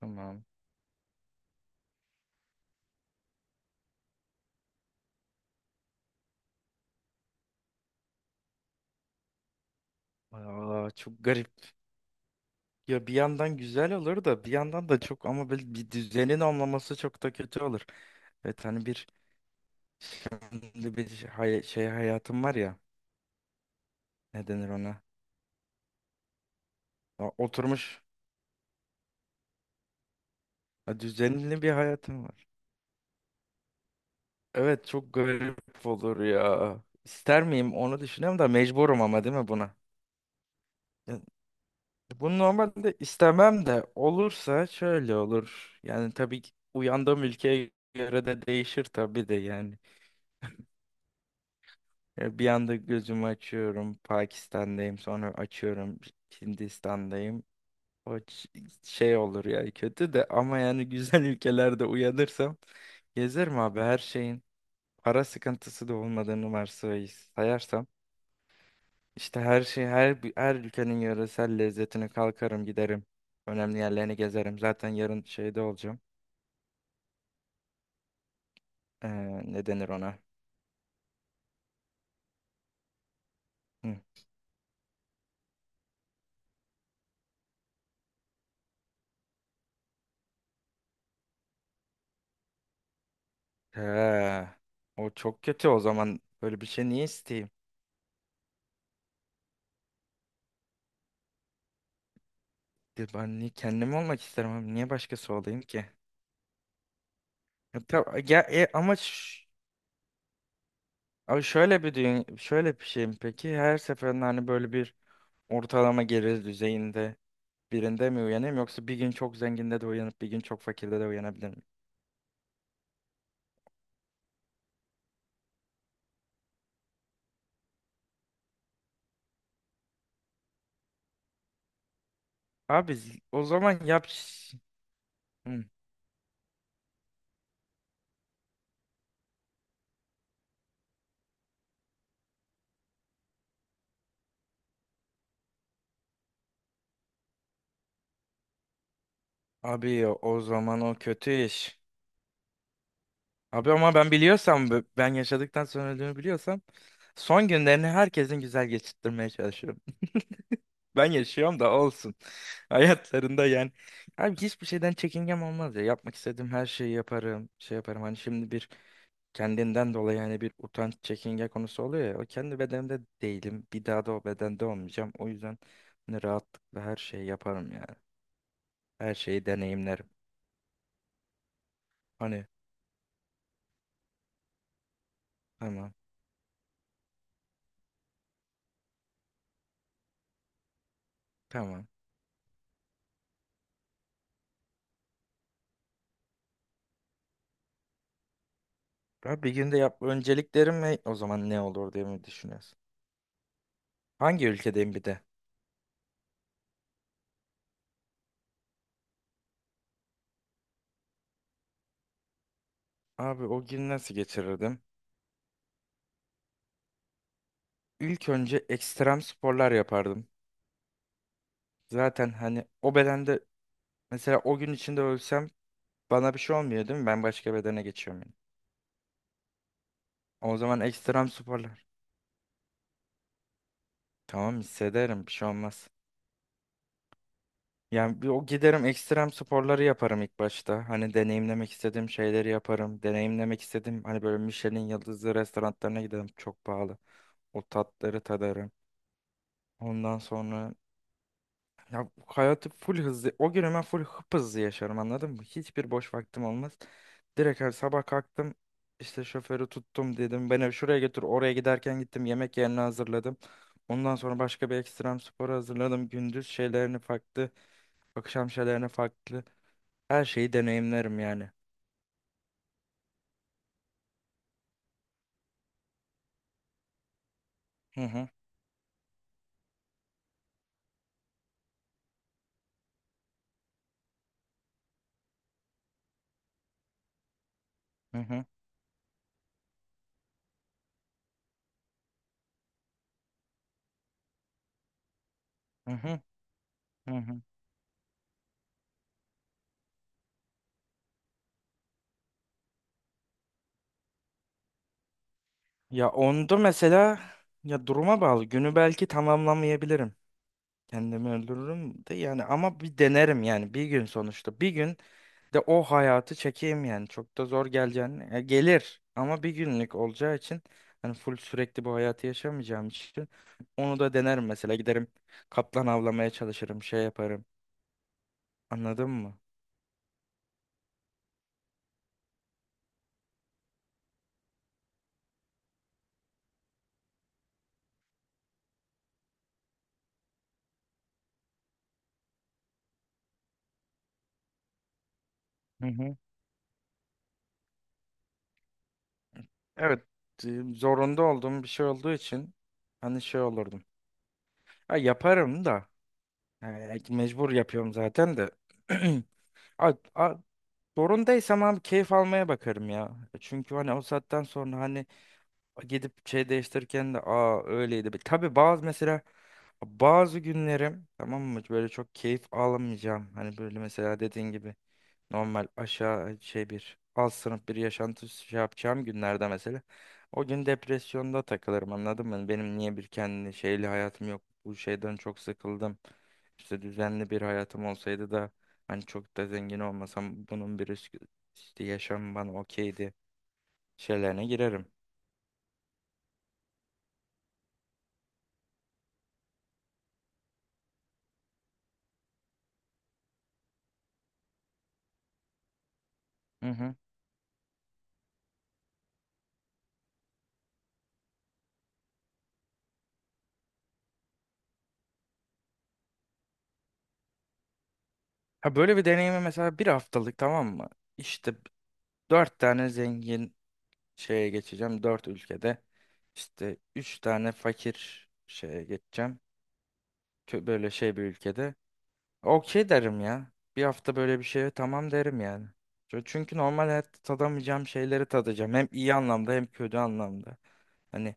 Tamam. Çok garip. Ya bir yandan güzel olur da bir yandan da çok ama böyle bir düzenin olmaması çok da kötü olur. Evet, hani bir şey, şey hayatım var ya, ne denir ona? Ya oturmuş, ya düzenli bir hayatım var. Evet, çok garip olur ya. İster miyim onu düşünüyorum da mecburum ama, değil mi, buna? Ya, bunu normalde istemem de olursa şöyle olur. Yani tabii ki uyandığım ülkeye göre de değişir tabii de yani. Ya, bir anda gözümü açıyorum, Pakistan'dayım. Sonra açıyorum, Hindistan'dayım. O ç- Şey olur ya kötü de, ama yani güzel ülkelerde uyanırsam gezerim abi, her şeyin, para sıkıntısı da olmadığını sayarsam, işte her şey, her ülkenin yöresel lezzetine kalkarım giderim. Önemli yerlerini gezerim. Zaten yarın şeyde olacağım. Ee, Ne denir ona? Hı. Ha, o çok kötü o zaman. Böyle bir şey niye isteyeyim? Ya ben niye kendim olmak isterim abi. Niye başkası olayım ki? Ya, tab- ya, e, ama ş- Abi şöyle bir düğün, şöyle bir şey mi peki? Her seferinde hani böyle bir ortalama gelir düzeyinde birinde mi uyanayım, yoksa bir gün çok zenginde de uyanıp bir gün çok fakirde de uyanabilir miyim? O zaman yap. Hı. Abi, o zaman o kötü iş. Abi ama ben biliyorsam, ben yaşadıktan sonra öldüğümü biliyorsam, son günlerini herkesin güzel geçirtmeye çalışıyorum. Ben yaşıyorum da olsun. Hayatlarında yani. Abi hiçbir şeyden çekingem olmaz ya. Yapmak istediğim her şeyi yaparım. Şey yaparım. Hani şimdi bir kendinden dolayı hani bir utanç, çekinge konusu oluyor ya. O kendi bedenimde değilim. Bir daha da o bedende olmayacağım. O yüzden hani rahatlıkla her şeyi yaparım yani. Her şeyi deneyimlerim. Hani tamam, tamam. Abi bir günde yap, önceliklerim ne? O zaman ne olur diye mi düşünüyorsun? Hangi ülkedeyim bir de? Abi o gün nasıl geçirirdim? İlk önce ekstrem sporlar yapardım. Zaten hani o bedende, mesela o gün içinde ölsem bana bir şey olmuyor, değil mi? Ben başka bedene geçiyorum yani. O zaman ekstrem sporlar. Tamam, hissederim, bir şey olmaz. Yani bir o giderim, ekstrem sporları yaparım ilk başta. Hani deneyimlemek istediğim şeyleri yaparım. Deneyimlemek istediğim hani böyle Michelin yıldızlı restoranlarına giderim. Çok pahalı. O tatları tadarım. Ondan sonra ya hayatı full hızlı. O gün hemen full hızlı yaşarım, anladın mı? Hiçbir boş vaktim olmaz. Direkt her sabah kalktım, işte şoförü tuttum, dedim beni şuraya götür, oraya giderken gittim, yemek yerini hazırladım. Ondan sonra başka bir ekstrem sporu hazırladım. Gündüz şeylerini farklı. Akşam şeylerini farklı. Her şeyi deneyimlerim yani. Hı hı, hı hı, hı hı. Hı hı. Ya onda mesela, ya duruma bağlı. Günü belki tamamlamayabilirim. Kendimi öldürürüm de yani, ama bir denerim yani, bir gün sonuçta. Bir gün de o hayatı çekeyim yani. Çok da zor geleceğini. Ya gelir ama bir günlük olacağı için, hani full sürekli bu hayatı yaşamayacağım için onu da denerim mesela. Giderim, kaplan avlamaya çalışırım, şey yaparım. Anladın mı? Hı hı. Evet, zorunda olduğum bir şey olduğu için hani şey olurdum. Ha, yaparım da, mecbur yapıyorum zaten de. A- a- Zorundaysam abi keyif almaya bakarım ya. Çünkü hani o saatten sonra hani gidip şey değiştirirken de, aa, öyleydi. Tabii bazı mesela, bazı günlerim, tamam mı, böyle çok keyif alamayacağım. Hani böyle mesela dediğin gibi. Normal aşağı hani, şey bir alt sınıf bir yaşantı şey yapacağım günlerde mesela. O gün depresyonda takılırım, anladın mı? Hani benim niye bir kendi şeyli hayatım yok. Bu şeyden çok sıkıldım. İşte düzenli bir hayatım olsaydı da hani çok da zengin olmasam, bunun bir risk, işte yaşam bana okeydi şeylerine girerim. Hı hı. Ha, böyle bir deneyimi mesela bir haftalık, tamam mı? İşte dört tane zengin şeye geçeceğim dört ülkede. İşte üç tane fakir şeye geçeceğim. Böyle şey bir ülkede. Okey derim ya. Bir hafta böyle bir şeye tamam derim yani. Çünkü normal hayatta tadamayacağım şeyleri tadacağım. Hem iyi anlamda hem kötü anlamda. Hani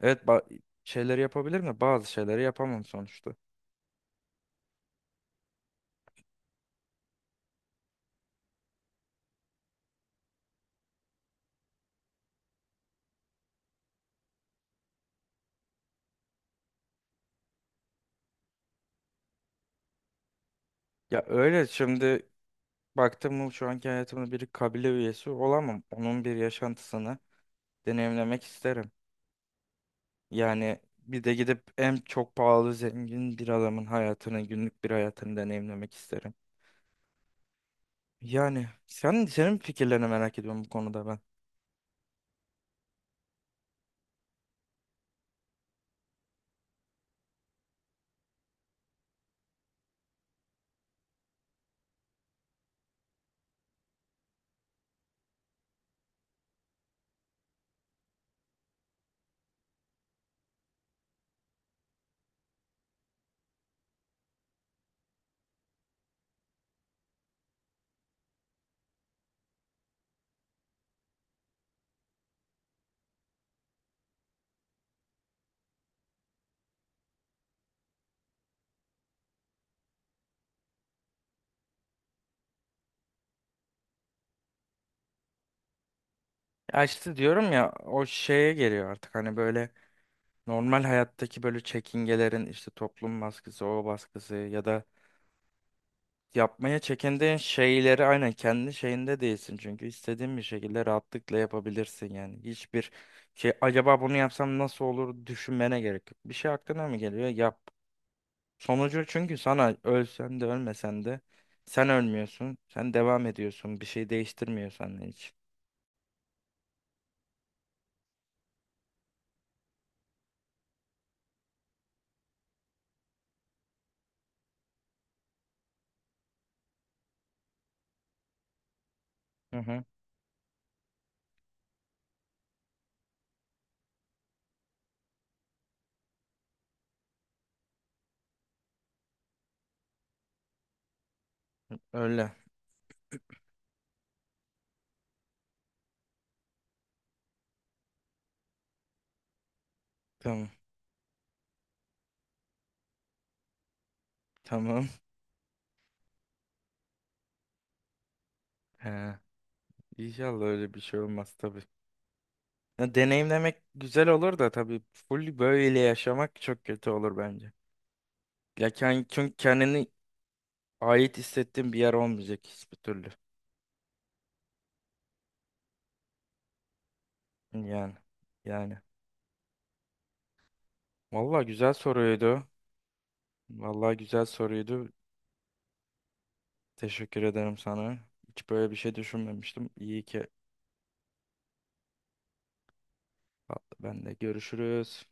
evet, şeyleri yapabilirim de bazı şeyleri yapamam sonuçta. Ya öyle, şimdi baktım mı şu anki hayatımda bir kabile üyesi olamam. Onun bir yaşantısını deneyimlemek isterim. Yani bir de gidip en çok pahalı zengin bir adamın hayatını, günlük bir hayatını deneyimlemek isterim. Yani sen, fikirlerini merak ediyorum bu konuda ben. Ya işte diyorum ya, o şeye geliyor artık hani böyle normal hayattaki böyle çekingelerin, işte toplum baskısı, o baskısı ya da yapmaya çekindiğin şeyleri, aynen kendi şeyinde değilsin çünkü, istediğin bir şekilde rahatlıkla yapabilirsin yani. Hiçbir şey, acaba bunu yapsam nasıl olur, düşünmene gerek yok. Bir şey aklına mı geliyor, yap. Sonucu çünkü sana, ölsen de ölmesen de sen ölmüyorsun. Sen devam ediyorsun. Bir şey değiştirmiyor senden hiç. Hı hı. Öyle. Tamam. Tamam. He. İnşallah öyle bir şey olmaz tabii. Ya, deneyimlemek güzel olur da, tabii full böyle yaşamak çok kötü olur bence. Çünkü kendini ait hissettiğin bir yer olmayacak hiçbir türlü. Yani. Yani. Vallahi güzel soruydu. Vallahi güzel soruydu. Teşekkür ederim sana. Hiç böyle bir şey düşünmemiştim. İyi ki ben de, görüşürüz.